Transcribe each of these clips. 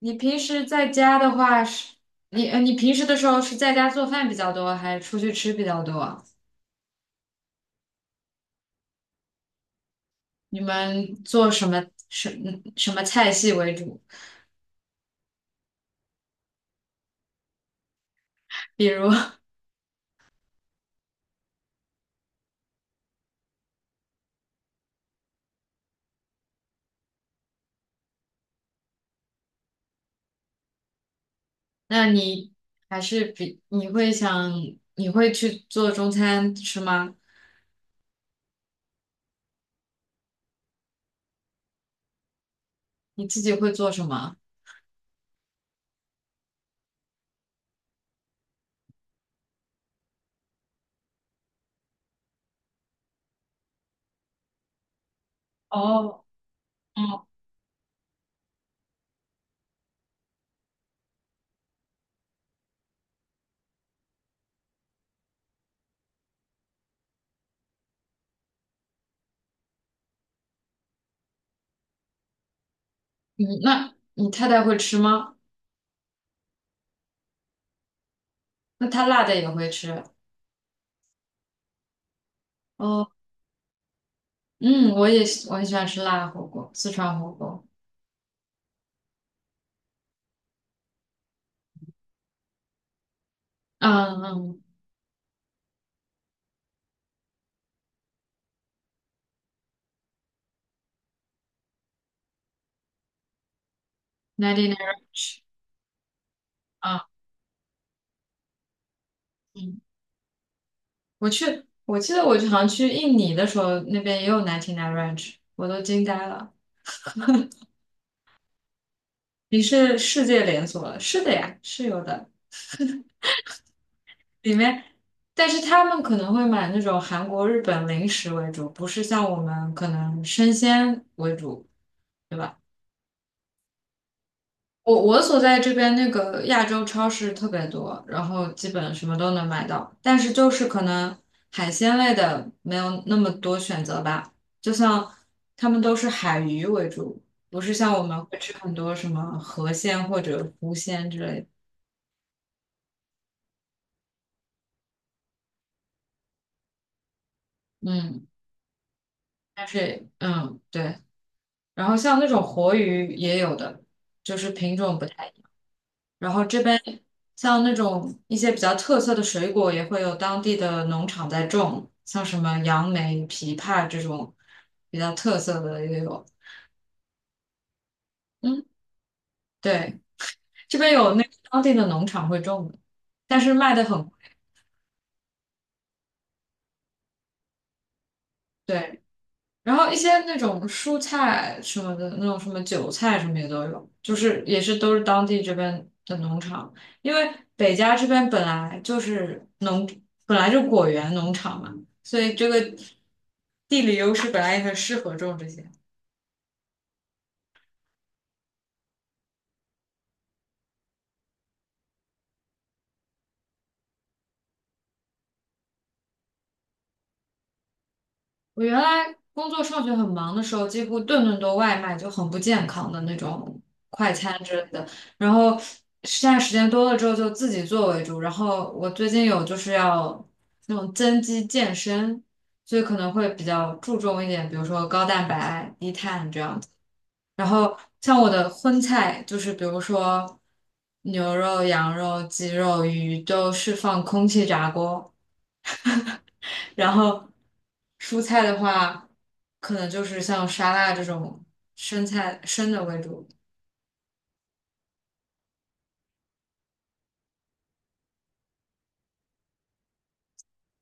你平时在家的话是，你平时的时候是在家做饭比较多，还是出去吃比较多？你们做什么什什么菜系为主？比如，那你还是比你会想你会去做中餐吃吗？你自己会做什么？哦，嗯，嗯，那你太太会吃吗？那她辣的也会吃。哦，嗯，我很喜欢吃辣火锅，四川火锅。嗯嗯 n i n e t 啊，嗯。我去，我记得我好像去印尼的时候，那边也有 99 Ranch，我都惊呆了。你是世界连锁了？是的呀，是有的。里面，但是他们可能会买那种韩国、日本零食为主，不是像我们可能生鲜为主，对吧？我所在这边那个亚洲超市特别多，然后基本什么都能买到，但是就是可能海鲜类的没有那么多选择吧。就像他们都是海鱼为主，不是像我们会吃很多什么河鲜或者湖鲜之类的。嗯，但是对，然后像那种活鱼也有的，就是品种不太。然后这边像那种一些比较特色的水果，也会有当地的农场在种，像什么杨梅、枇杷这种比较特色的也有。嗯，对，这边有那个当地的农场会种的，但是卖的很贵。对，然后一些那种蔬菜什么的，那种什么韭菜什么也都有，就是也是都是当地这边的农场，因为北加这边本来就果园农场嘛，所以这个地理优势本来也很适合种这些。我原来工作上学很忙的时候，几乎顿顿都外卖，就很不健康的那种快餐之类的。然后现在时间多了之后，就自己做为主。然后我最近有就是要那种增肌健身，所以可能会比较注重一点，比如说高蛋白、低碳这样子。然后像我的荤菜，就是比如说牛肉、羊肉、鸡肉、鱼，都是放空气炸锅。然后蔬菜的话，可能就是像沙拉这种生菜生的为主，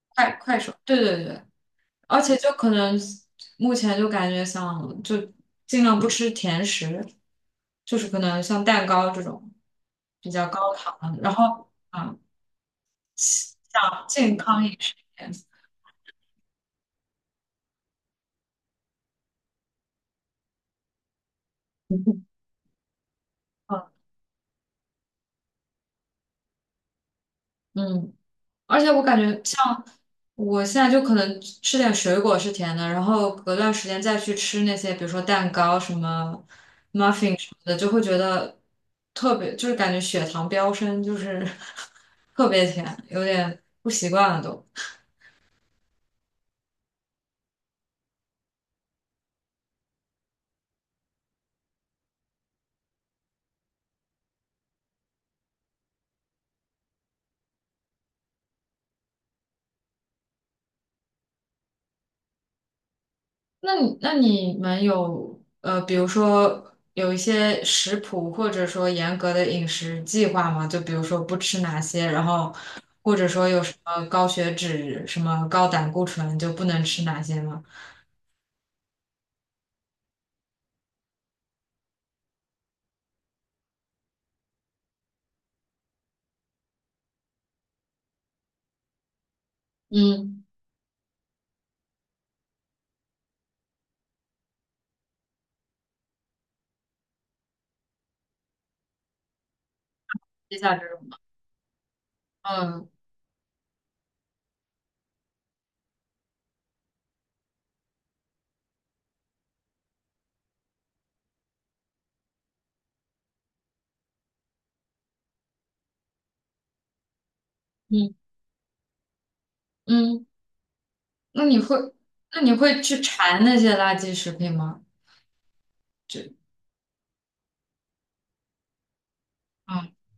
快手，对对对，而且就可能目前就感觉想就尽量不吃甜食，就是可能像蛋糕这种比较高糖的然后啊，像健康饮食一点，嗯嗯。而且我感觉像我现在就可能吃点水果是甜的，然后隔段时间再去吃那些，比如说蛋糕、什么 muffin 什么的，就会觉得特别，就是感觉血糖飙升，就是 特别甜，有点不习惯了都。那你们有比如说有一些食谱或者说严格的饮食计划吗？就比如说不吃哪些，然后或者说有什么高血脂、什么高胆固醇就不能吃哪些吗？嗯，接下这种，嗯嗯嗯，那你会那你会去馋那些垃圾食品吗？嗯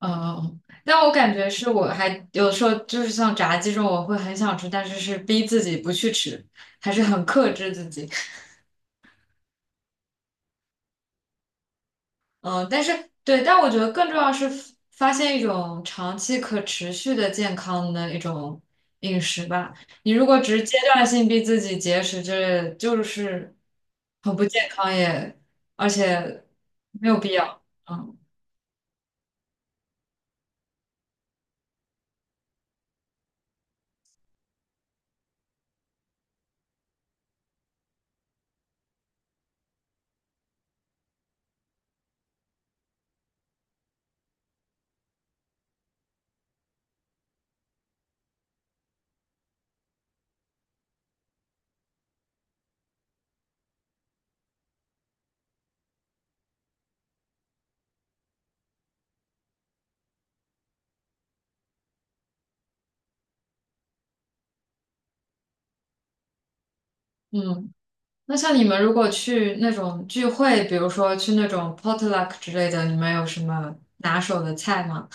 嗯嗯，但我感觉是我还有时候就是像炸鸡这种，我会很想吃，但是是逼自己不去吃，还是很克制自己。嗯，但是对，但我觉得更重要是发现一种长期可持续的健康的一种饮食吧。你如果只是阶段性逼自己节食之类就是很不健康也，而且没有必要。嗯嗯，那像你们如果去那种聚会，比如说去那种 potluck 之类的，你们有什么拿手的菜吗？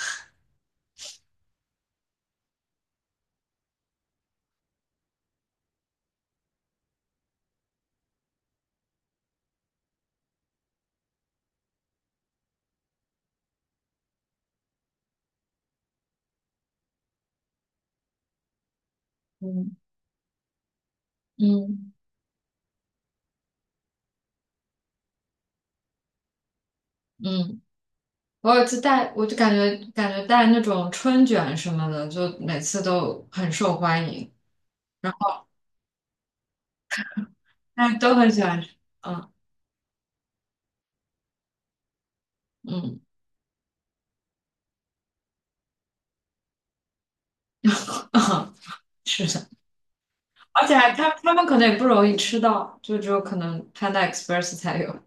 嗯嗯嗯。我有一次带，我就感觉带那种春卷什么的，就每次都很受欢迎，然后大家都很喜欢吃。嗯嗯 是的，而且还他们可能也不容易吃到，就只有可能 Panda Express 才有。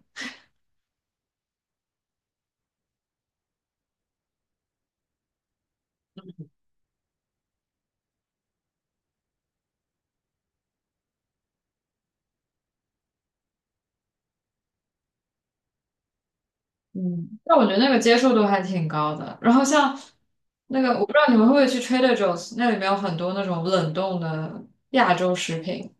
嗯，但我觉得那个接受度还挺高的。然后像那个，我不知道你们会不会去 Trader Joe's，那里面有很多那种冷冻的亚洲食品。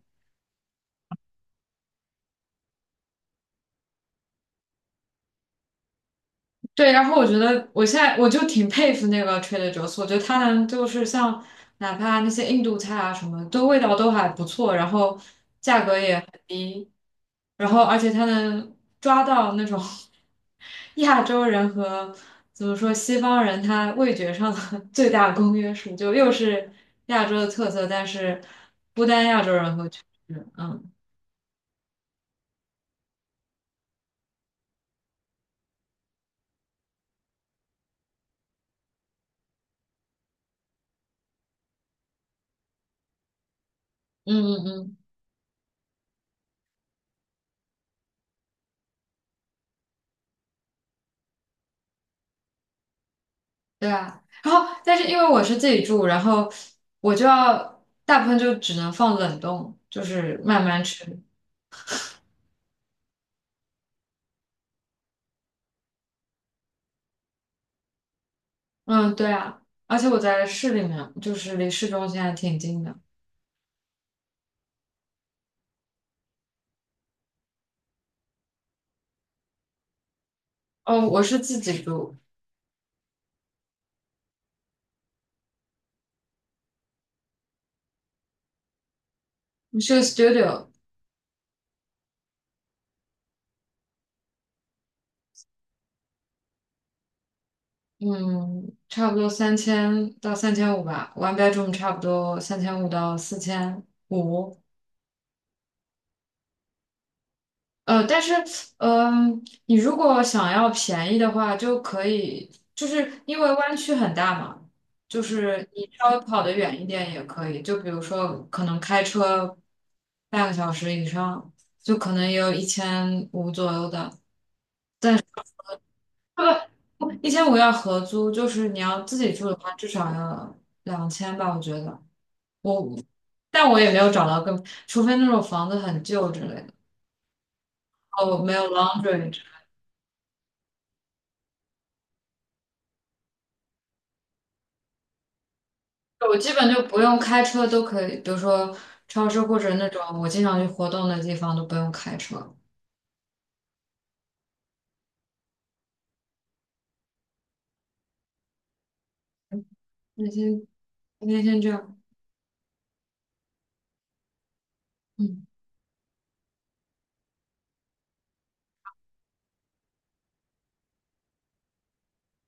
对，然后我觉得我现在我就挺佩服那个 Trader Joe's，我觉得他能就是像哪怕那些印度菜啊什么，都味道都还不错，然后价格也很低，然后而且他能抓到那种 亚洲人和怎么说西方人他味觉上的 最大公约数，就又是亚洲的特色，但是不单亚洲人和就是嗯嗯嗯嗯。对啊，然后但是因为我是自己住，然后我就要大部分就只能放冷冻，就是慢慢吃。嗯，对啊，而且我在市里面，就是离市中心还挺近的。哦，我是自己住，是个 studio，嗯，差不多三千到三千五吧，one bedroom 差不多三千五到4500。但是，你如果想要便宜的话，就可以，就是因为湾区很大嘛，就是你稍微跑得远一点也可以，就比如说可能开车半个小时以上，就可能也有一千五左右的，但是不不，一千五要合租，就是你要自己住的话，至少要2000吧，我觉得我，但我也没有找到更，除非那种房子很旧之类的，哦，没有 laundry。我基本就不用开车都可以，比如说超市或者那种我经常去活动的地方都不用开车。那天那天先这样，嗯。